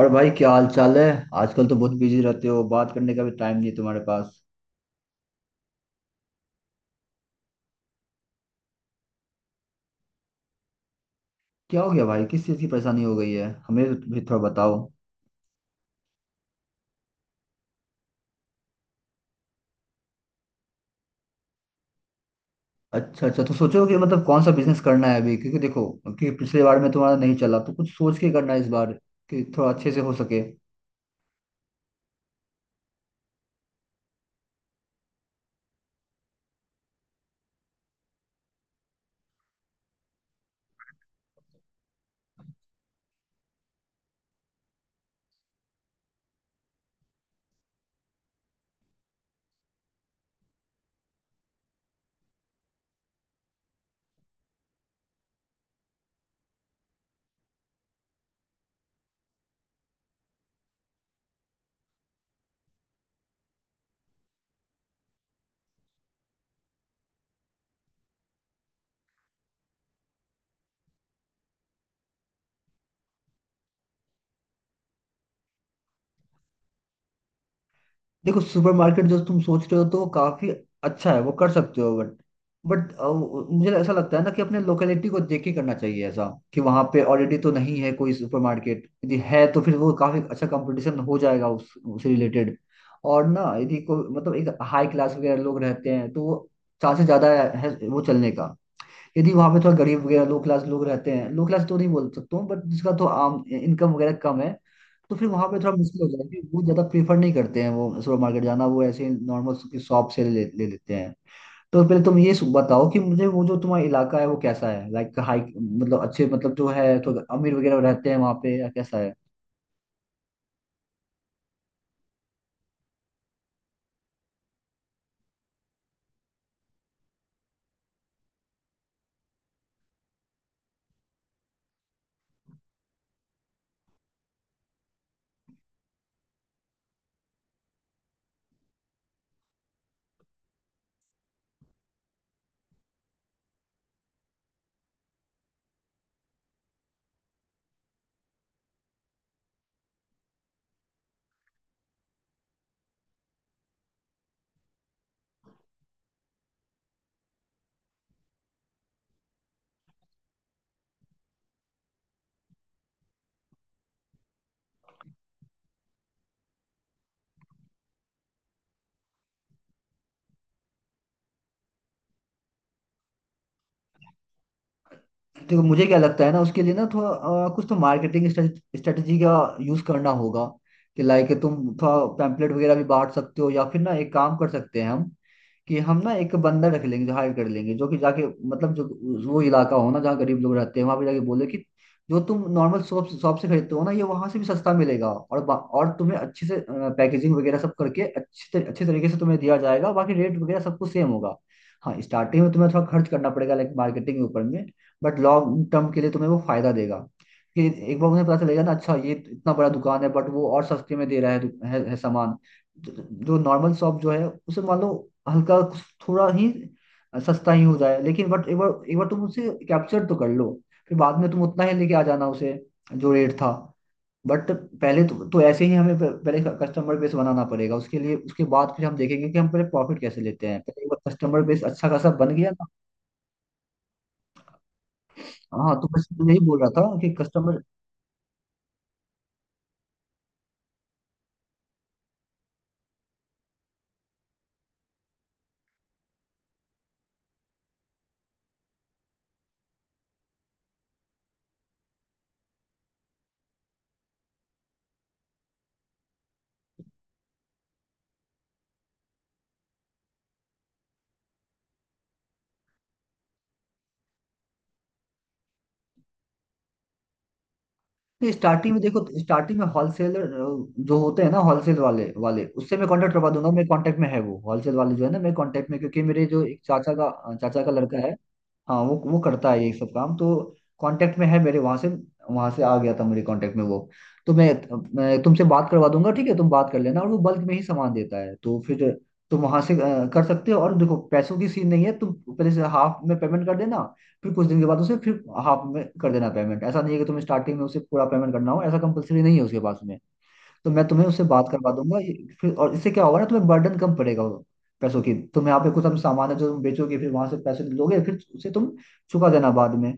और भाई क्या हाल चाल है? आजकल तो बहुत बिजी रहते हो, बात करने का भी टाइम नहीं है तुम्हारे पास। क्या हो गया भाई? किस चीज़ की परेशानी हो गई है? हमें भी थोड़ा बताओ। अच्छा अच्छा, तो सोचो कि मतलब कौन सा बिजनेस करना है अभी, क्योंकि देखो कि पिछले बार में तुम्हारा नहीं चला तो कुछ सोच के करना है इस बार कि थोड़ा अच्छे से हो सके। देखो, सुपरमार्केट जो तुम सोच रहे हो तो वो काफी अच्छा है, वो कर सकते हो, बट बट मुझे ऐसा लगता है ना कि अपने लोकेलिटी को देख के करना चाहिए, ऐसा कि वहां पे ऑलरेडी तो नहीं है कोई सुपरमार्केट। यदि है तो फिर वो काफी अच्छा कंपटीशन हो जाएगा उस उससे रिलेटेड। और ना यदि कोई मतलब एक हाई क्लास वगैरह लोग रहते हैं तो वो चांसेस ज्यादा है वो चलने का। यदि वहां पे थोड़ा गरीब वगैरह लो क्लास लोग रहते हैं, लो क्लास तो नहीं बोल सकता हूँ बट जिसका तो आम इनकम वगैरह कम है, तो फिर वहां पे थोड़ा मुश्किल हो जाएगी। वो ज्यादा प्रीफर नहीं करते हैं वो सुपर मार्केट जाना, वो ऐसे नॉर्मल शॉप से ले लेते हैं। तो पहले तुम ये बताओ कि मुझे वो जो तुम्हारा इलाका है वो कैसा है, लाइक हाई मतलब अच्छे मतलब जो है तो अमीर वगैरह रहते हैं वहाँ पे या कैसा है? देखो मुझे क्या लगता है ना, उसके लिए ना थोड़ा कुछ तो मार्केटिंग स्ट्रेटेजी का यूज करना होगा, कि लाइक तुम थोड़ा पैम्पलेट वगैरह भी बांट सकते हो, या फिर ना एक काम कर सकते हैं हम कि हम ना एक बंदा रख लेंगे, जो हायर कर लेंगे, जो कि जाके मतलब जो वो इलाका हो ना जहाँ गरीब लोग रहते हैं वहां पे जाके बोले कि जो तुम नॉर्मल शॉप शॉप से खरीदते हो ना ये वहां से भी सस्ता मिलेगा। और और तुम्हें अच्छे से पैकेजिंग वगैरह सब करके अच्छे तरीके से तुम्हें दिया जाएगा, बाकी रेट वगैरह सब कुछ सेम होगा। हाँ, स्टार्टिंग में तुम्हें थोड़ा खर्च करना पड़ेगा लाइक मार्केटिंग के ऊपर में, बट लॉन्ग टर्म के लिए तुम्हें वो फायदा देगा कि एक बार उन्हें पता चलेगा ना अच्छा ये इतना बड़ा दुकान है बट वो और सस्ते में दे रहा है सामान। जो नॉर्मल शॉप जो है उसे मान लो हल्का कुछ, थोड़ा ही सस्ता ही हो जाए, लेकिन बट एक बार तुम उसे कैप्चर तो कर लो, फिर बाद में तुम उतना ही लेके आ जाना उसे जो रेट था। बट पहले तो ऐसे ही हमें पहले कस्टमर बेस बनाना पड़ेगा उसके लिए। उसके बाद फिर हम देखेंगे कि हम पहले प्रॉफिट कैसे लेते हैं, पहले एक बार कस्टमर बेस अच्छा खासा बन गया ना। हाँ तो बस यही बोल रहा था कि कस्टमर, नहीं स्टार्टिंग में देखो स्टार्टिंग में होलसेलर जो होते हैं ना होलसेल वाले वाले उससे मैं कांटेक्ट करवा दूंगा। मेरे कांटेक्ट में है वो होलसेल वाले जो है ना मेरे कांटेक्ट में, क्योंकि मेरे जो एक चाचा का लड़का है, हाँ वो करता है ये सब काम। तो कांटेक्ट में है मेरे वहां से, आ गया था मेरे कांटेक्ट में वो। तो मैं तुमसे बात करवा दूंगा, ठीक है? तुम बात कर लेना, और वो बल्क में ही सामान देता है तो फिर तुम वहां से कर सकते हो। और देखो पैसों की सीन नहीं है, तुम पहले से हाफ में पेमेंट कर देना, फिर कुछ दिन के बाद उसे फिर हाफ में कर देना पेमेंट, ऐसा नहीं है कि तुम्हें स्टार्टिंग में उसे पूरा पेमेंट करना हो, ऐसा कंपलसरी नहीं है उसके पास में। तो मैं तुम्हें उससे बात करवा दूंगा ये, फिर और इससे क्या होगा ना तुम्हें बर्डन कम पड़ेगा वो पैसों की। तुम यहाँ पे कुछ हम सामान है जो तुम बेचोगे फिर वहां से पैसे लोगे फिर उसे तुम चुका देना बाद में।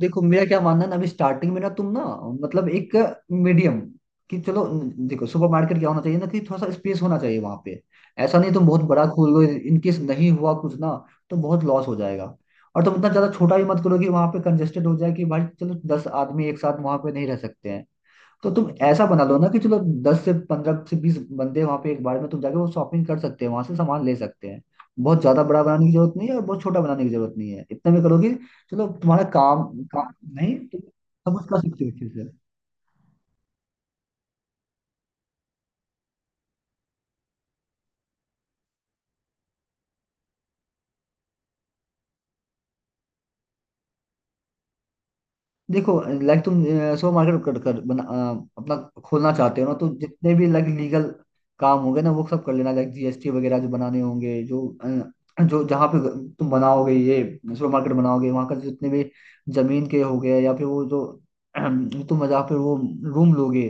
देखो मेरा क्या मानना है ना अभी स्टार्टिंग में ना तुम ना मतलब एक मीडियम, कि चलो, देखो सुपरमार्केट क्या होना चाहिए ना कि थोड़ा सा स्पेस होना चाहिए वहां पे, ऐसा नहीं तुम बहुत बड़ा खोल लो इनकेस नहीं हुआ कुछ ना तो बहुत लॉस हो जाएगा। और तुम इतना ज्यादा छोटा भी मत करो कि वहां पे कंजेस्टेड हो जाए कि भाई चलो 10 आदमी एक साथ वहां पे नहीं रह सकते हैं। तो तुम ऐसा बना लो ना कि चलो 10 से 15 से 20 बंदे वहां पे एक बार में तुम जाके वो शॉपिंग कर सकते हैं वहां से सामान ले सकते हैं। बहुत ज्यादा बड़ा बनाने की जरूरत नहीं है और बहुत छोटा बनाने की जरूरत नहीं है, इतने में करोगे, चलो तुम्हारा काम, काम नहीं, तुम सब कुछ कर सकते हो अच्छे से। देखो लाइक तुम सो मार्केट कर कर बना अपना खोलना चाहते हो ना, तो जितने भी लाइक लीगल काम होंगे ना वो सब कर लेना, लाइक जीएसटी वगैरह जो बनाने होंगे, जो जो जहाँ पे तुम बनाओगे ये सुपर मार्केट बनाओगे वहाँ का जितने भी जमीन के हो गए, या फिर वो जो तुम जहाँ पे वो रूम लोगे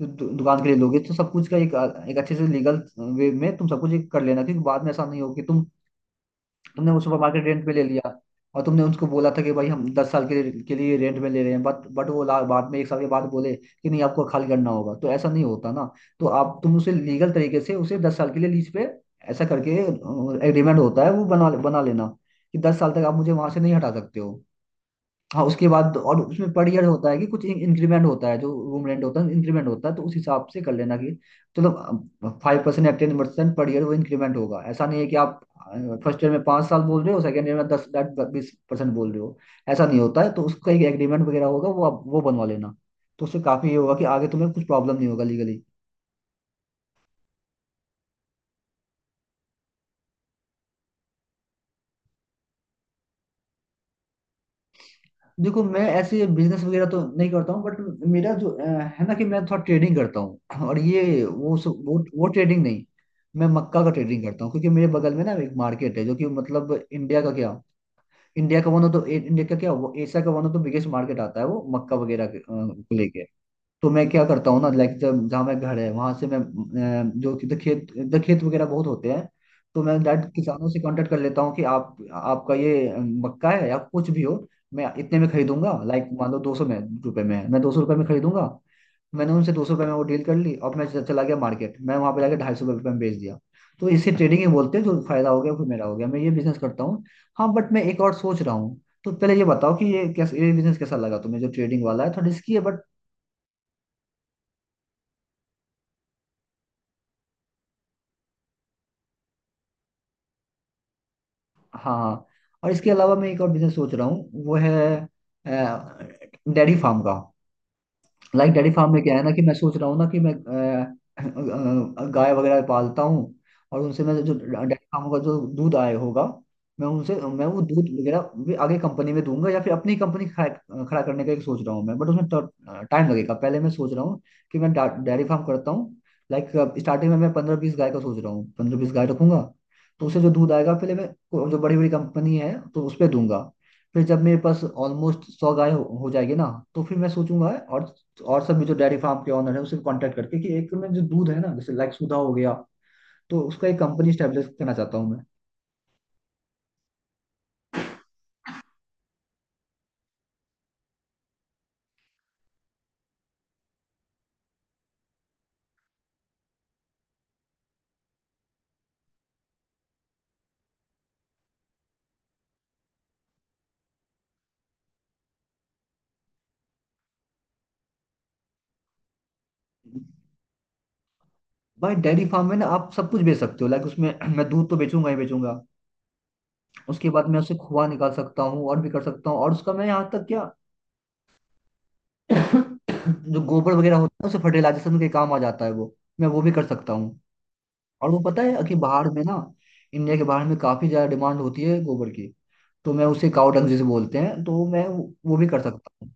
जो दुकान के लिए लोगे, तो सब कुछ का एक एक अच्छे से लीगल वे में तुम सब कुछ एक कर लेना। क्योंकि बाद में ऐसा नहीं हो कि तुम तुमने वो सुपर मार्केट रेंट पे ले लिया, और तुमने उनको बोला था कि भाई हम 10 साल के लिए रेंट में ले रहे हैं, बट वो बाद में एक साल के बाद बोले कि नहीं आपको खाली करना होगा, तो ऐसा नहीं होता ना। तो आप तुम उसे लीगल तरीके से उसे 10 साल के लिए लीज पे, ऐसा करके एग्रीमेंट होता है वो बना बना लेना कि 10 साल तक आप मुझे वहां से नहीं हटा सकते हो। हाँ उसके बाद, और उसमें पर ईयर होता है कि कुछ इंक्रीमेंट होता है, जो रूम रेंट होता है इंक्रीमेंट होता है, तो उस हिसाब से कर लेना कि चलो 5% या 10% पर ईयर वो इंक्रीमेंट होगा। ऐसा नहीं है कि आप फर्स्ट ईयर में 5 साल बोल रहे हो, सेकेंड ईयर में 10-20% बोल रहे हो, ऐसा नहीं होता है। तो उसका एक एग्रीमेंट वगैरह होगा, वो आप वो बनवा लेना। तो उससे काफ़ी ये होगा कि आगे तुम्हें कुछ प्रॉब्लम नहीं होगा लीगली। देखो मैं ऐसे बिजनेस वगैरह तो नहीं करता हूँ, बट मेरा जो है ना कि मैं थोड़ा ट्रेडिंग करता हूँ, और ये वो वो ट्रेडिंग नहीं। मैं मक्का का ट्रेडिंग करता हूँ, क्योंकि मेरे बगल में ना एक मार्केट है जो कि मतलब इंडिया का क्या वो एशिया का one of the biggest market आता है वो मक्का वगैरह को लेके। तो मैं क्या करता हूँ ना लाइक जब जहाँ मैं घर है वहां से मैं जो कि तो खेत वगैरह बहुत होते हैं। तो मैं डायरेक्ट किसानों से कांटेक्ट कर लेता हूँ कि आप आपका ये मक्का है या कुछ भी हो, मैं इतने में खरीदूंगा, लाइक मान लो 200 में रुपए में है, मैं 200 रुपये में खरीदूंगा। मैंने उनसे 200 रुपये में वो डील कर ली, और मैं चला गया मार्केट, मैं वहां पे जाकर 250 रुपये में बेच दिया। तो इसे ट्रेडिंग ही बोलते हैं, जो फायदा हो गया फिर मेरा हो गया, मैं ये बिजनेस करता हूँ। हाँ बट मैं एक और सोच रहा हूँ, तो पहले ये बताओ कि ये कैसे, ये बिजनेस कैसा लगा तुम्हें जो ट्रेडिंग वाला है, थोड़ा रिस्की है। हाँ हाँ। और इसके अलावा मैं एक और बिजनेस सोच रहा हूँ वो है डेयरी फार्म का। लाइक डेयरी फार्म में क्या है ना कि मैं सोच रहा हूँ ना कि मैं गाय वगैरह पालता हूँ, और उनसे मैं जो डेयरी फार्म का जो दूध आए होगा, मैं उनसे मैं वो दूध वगैरह भी आगे कंपनी में दूंगा या फिर अपनी कंपनी खड़ा खड़ा करने का एक सोच रहा हूँ मैं, बट उसमें टाइम लगेगा। पहले मैं सोच रहा हूँ कि मैं डेयरी फार्म करता हूँ, लाइक स्टार्टिंग में मैं 15, 20 गाय का सोच रहा हूँ, 15, 20 गाय रखूंगा। तो उससे जो दूध आएगा, पहले मैं जो बड़ी बड़ी कंपनी है तो उस पर दूंगा। फिर जब मेरे पास ऑलमोस्ट 100 गाय हो जाएगी ना, तो फिर मैं सोचूंगा और, तो और सब भी जो डेयरी फार्म के ऑनर है उससे कांटेक्ट करके, कि एक में जो दूध है ना जैसे लाइक सुधा हो गया, तो उसका एक कंपनी स्टेब्लिश करना चाहता हूँ मैं। भाई डेयरी फार्म में ना आप सब कुछ बेच सकते हो, लाइक उसमें मैं दूध तो बेचूंगा ही बेचूंगा। उसके बाद मैं उससे खोआ निकाल सकता हूँ और भी कर सकता हूँ, और उसका मैं यहाँ तक क्या, जो गोबर वगैरह होता है उसे फर्टिलाइजेशन के काम आ जाता है, वो मैं वो भी कर सकता हूँ। और वो पता है कि बाहर में ना, इंडिया के बाहर में काफी ज्यादा डिमांड होती है गोबर की, तो मैं उसे काउ डंग जिसे बोलते हैं, तो मैं वो भी कर सकता हूँ।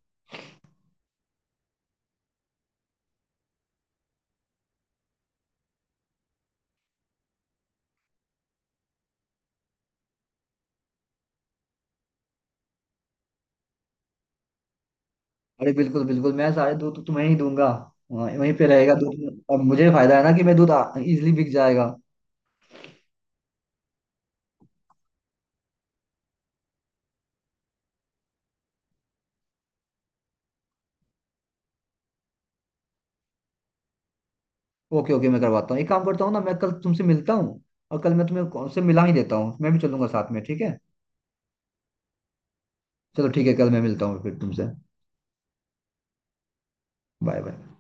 अरे बिल्कुल बिल्कुल, मैं सारे दूध तो तुम्हें ही दूंगा, वहीं वहीं पे रहेगा दूध, और मुझे फायदा है ना कि मैं दूध इजिली बिक जाएगा। ओके ओके, मैं करवाता हूँ, एक काम करता हूँ ना, मैं कल तुमसे मिलता हूँ, और कल मैं तुम्हें कौन से मिला ही देता हूँ, मैं भी चलूंगा साथ में, ठीक है? चलो ठीक है, कल मैं मिलता हूँ फिर तुमसे। Bye bye.